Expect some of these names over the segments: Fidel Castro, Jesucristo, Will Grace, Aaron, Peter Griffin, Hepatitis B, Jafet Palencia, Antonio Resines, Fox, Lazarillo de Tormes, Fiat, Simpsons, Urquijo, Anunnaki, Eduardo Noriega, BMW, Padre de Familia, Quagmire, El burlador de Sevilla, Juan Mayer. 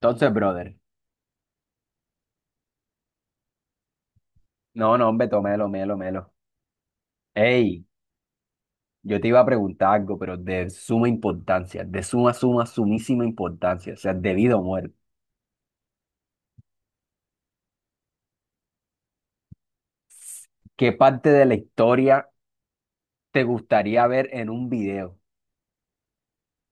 Entonces, brother, no, no, hombre, to- melo, melo, melo. Ey, yo te iba a preguntar algo, pero de suma importancia, de suma, suma, sumísima importancia, o sea, debido a muerte. ¿Qué parte de la historia te gustaría ver en un video?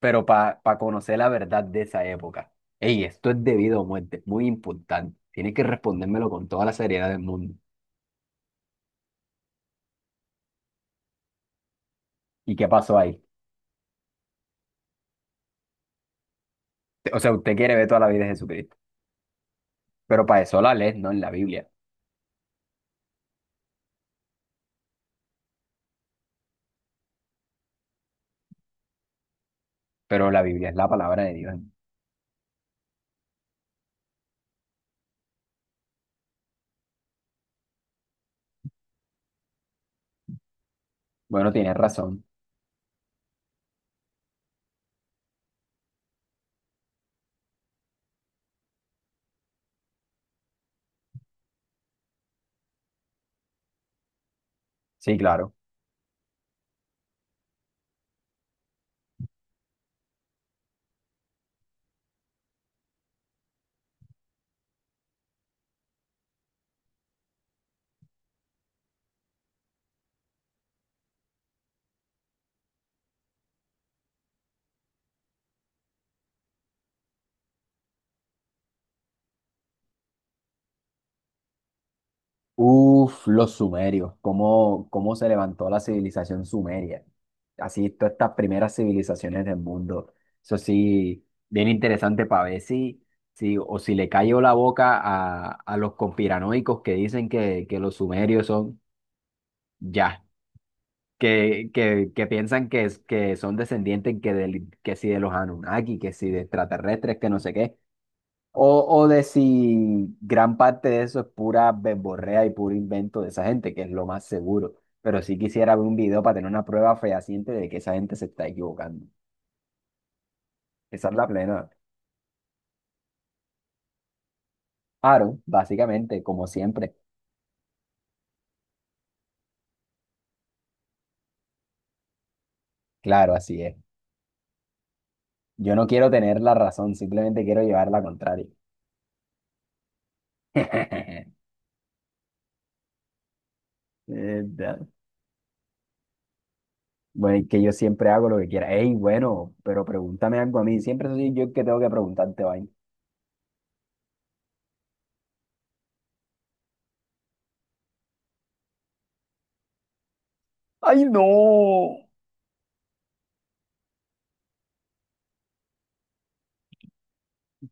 Pero para conocer la verdad de esa época. Ey, esto es debido a muerte, muy importante. Tienes que respondérmelo con toda la seriedad del mundo. ¿Y qué pasó ahí? O sea, usted quiere ver toda la vida de Jesucristo, pero para eso la lees, no en la Biblia. Pero la Biblia es la palabra de Dios. Bueno, tienes razón. Sí, claro. Uf, los sumerios, cómo, cómo se levantó la civilización sumeria. Así, todas estas primeras civilizaciones del mundo. Eso sí, bien interesante para ver si, si, o si le cayó la boca a los conspiranoicos que dicen que los sumerios son ya, que piensan que que son descendientes que, del- que si de los Anunnaki, que si de extraterrestres, que no sé qué. O, o de si gran parte de eso es pura verborrea y puro invento de esa gente, que es lo más seguro. Pero sí quisiera ver un video para tener una prueba fehaciente de que esa gente se está equivocando. Esa es la plena. Aaron, básicamente, como siempre. Claro, así es. Yo no quiero tener la razón, simplemente quiero llevar la contraria. Verdad. Bueno, y que yo siempre hago lo que quiera. Ey, bueno, pero pregúntame algo a mí. Siempre soy yo el que tengo que preguntarte, vaina. ¡Ay, no!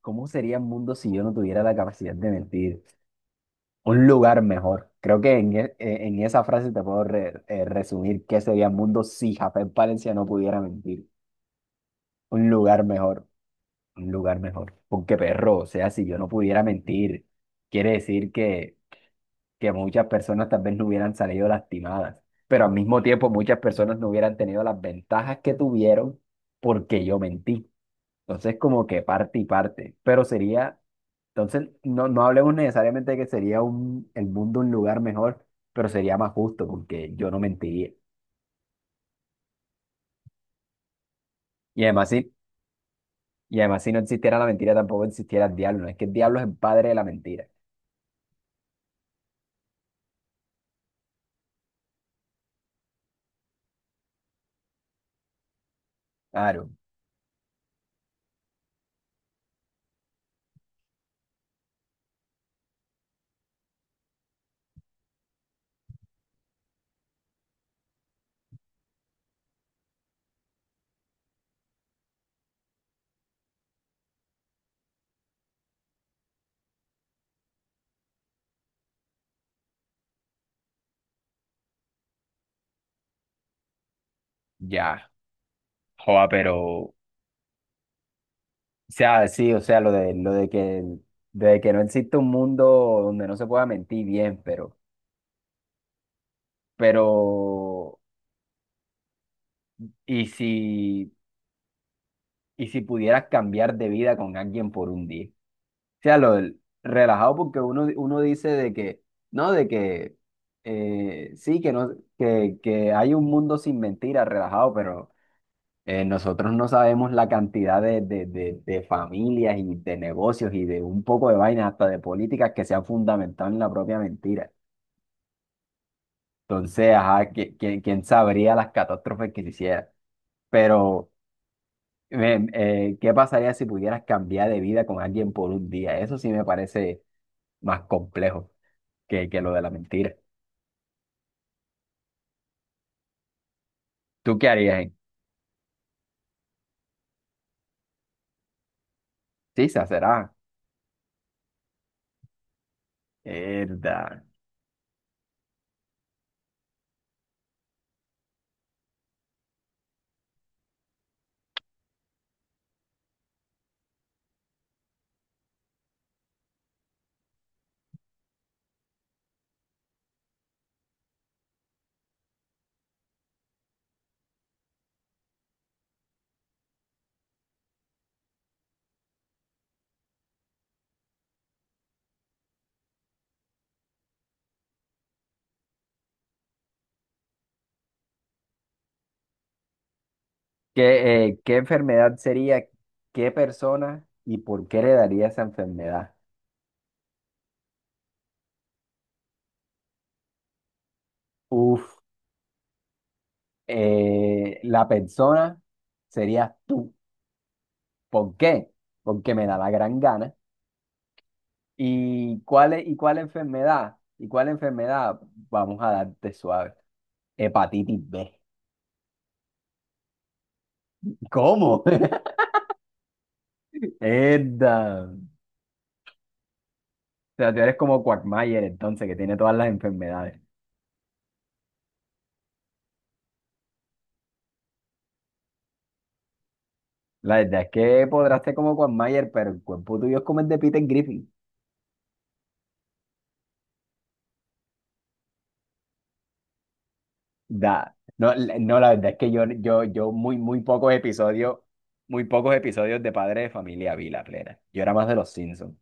¿Cómo sería el mundo si yo no tuviera la capacidad de mentir? Un lugar mejor. Creo que en esa frase te puedo resumir qué sería el mundo si Jafet Palencia no pudiera mentir. Un lugar mejor, un lugar mejor. Porque perro, o sea, si yo no pudiera mentir, quiere decir que muchas personas tal vez no hubieran salido lastimadas, pero al mismo tiempo muchas personas no hubieran tenido las ventajas que tuvieron porque yo mentí. Entonces, como que parte y parte, pero sería. Entonces, no, no hablemos necesariamente de que sería un, el mundo un lugar mejor, pero sería más justo porque yo no mentiría. Y además, si, y además, si no existiera la mentira, tampoco existiera el diablo, ¿no? Es que el diablo es el padre de la mentira. Claro, ya. Joa, pero, o sea, sí, o sea, lo de que, de que no existe un mundo donde no se pueda mentir bien, pero, ¿y si, y si pudieras cambiar de vida con alguien por un día? O sea, lo del relajado porque uno, uno dice de que, no, de que sí, que, no, que hay un mundo sin mentiras, relajado, pero nosotros no sabemos la cantidad de familias y de negocios y de un poco de vainas, hasta de políticas que se han fundamentado en la propia mentira. Entonces, ajá, ¿quién sabría las catástrofes que se hicieran? Pero, ¿qué pasaría si pudieras cambiar de vida con alguien por un día? Eso sí me parece más complejo. Que lo de la mentira. ¿Tú qué harías, Sí, se será. Verdad. ¿Qué, qué enfermedad sería? ¿Qué persona y por qué heredaría esa enfermedad? Uf, la persona serías tú. ¿Por qué? Porque me da la gran gana. ¿Y cuál, y cuál enfermedad? ¿Y cuál enfermedad? Vamos a darte suave. Hepatitis B. ¿Cómo? Herda. O sea, tú eres como Quagmire entonces, que tiene todas las enfermedades. La verdad es que podrás ser como Juan Mayer, pero el cuerpo tuyo es como el de Peter Griffin. Da. No, la- no, la verdad es que yo muy, muy pocos episodios de Padre de Familia vi la plena. Yo era más de los Simpsons.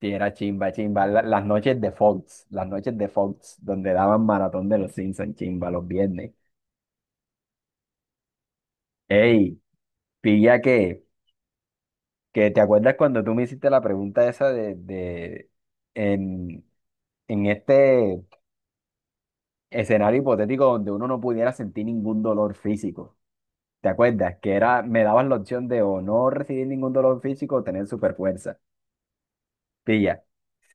Sí, era chimba, chimba. La- las noches de Fox, las noches de Fox, donde daban maratón de los Simpsons, chimba, los viernes. Ey, pilla que te acuerdas cuando tú me hiciste la pregunta esa de en, en este. Escenario hipotético donde uno no pudiera sentir ningún dolor físico. ¿Te acuerdas? Que era, me daban la opción de o no recibir ningún dolor físico o tener superfuerza. Pilla,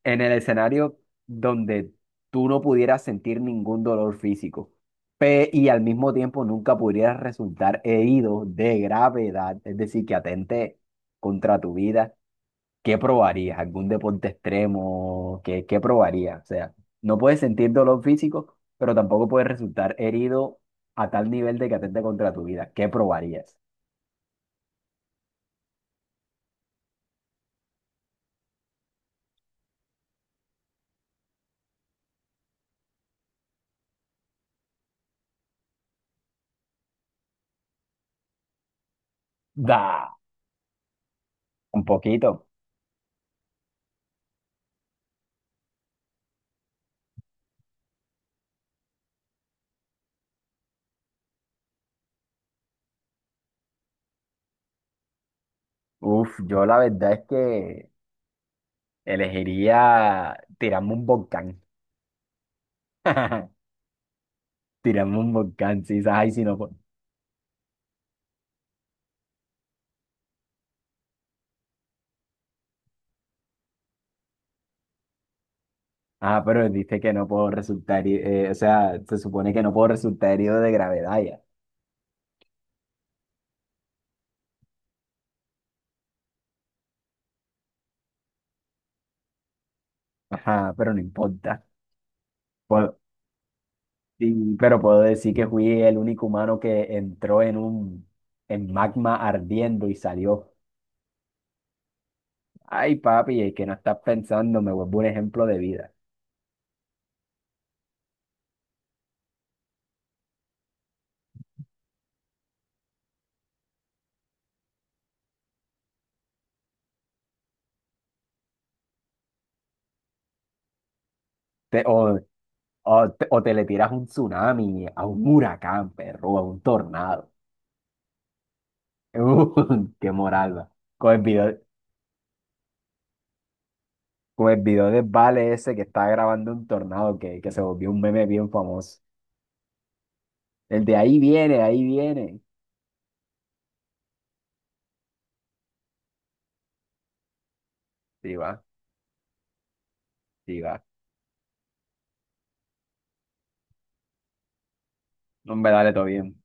en el escenario donde tú no pudieras sentir ningún dolor físico y al mismo tiempo nunca pudieras resultar herido de gravedad, es decir, que atente contra tu vida, ¿qué probarías? ¿Algún deporte extremo? ¿Qué, qué probarías? O sea, no puedes sentir dolor físico, pero tampoco puedes resultar herido a tal nivel de que atente contra tu vida. ¿Qué probarías? Da, un poquito. Uf, yo la verdad es que elegiría tirarme un volcán. Tirarme un volcán, sí, ay, si no puedo. Ah, pero dice que no puedo resultar, o sea, se supone que no puedo resultar herido de gravedad ya. Ajá, pero no importa. Pues, sí, pero puedo decir que fui el único humano que entró en un en magma ardiendo y salió. Ay, papi, es que no estás pensando, me vuelvo un ejemplo de vida. Te- o, o te le tiras un tsunami, a un huracán, perro, a un tornado. Qué moral, va. Con el video, con el video de Vale ese que está grabando un tornado que se volvió un meme bien famoso. El de ahí viene, ahí viene. Sí, va, sí, va. No, hombre, dale, todo bien.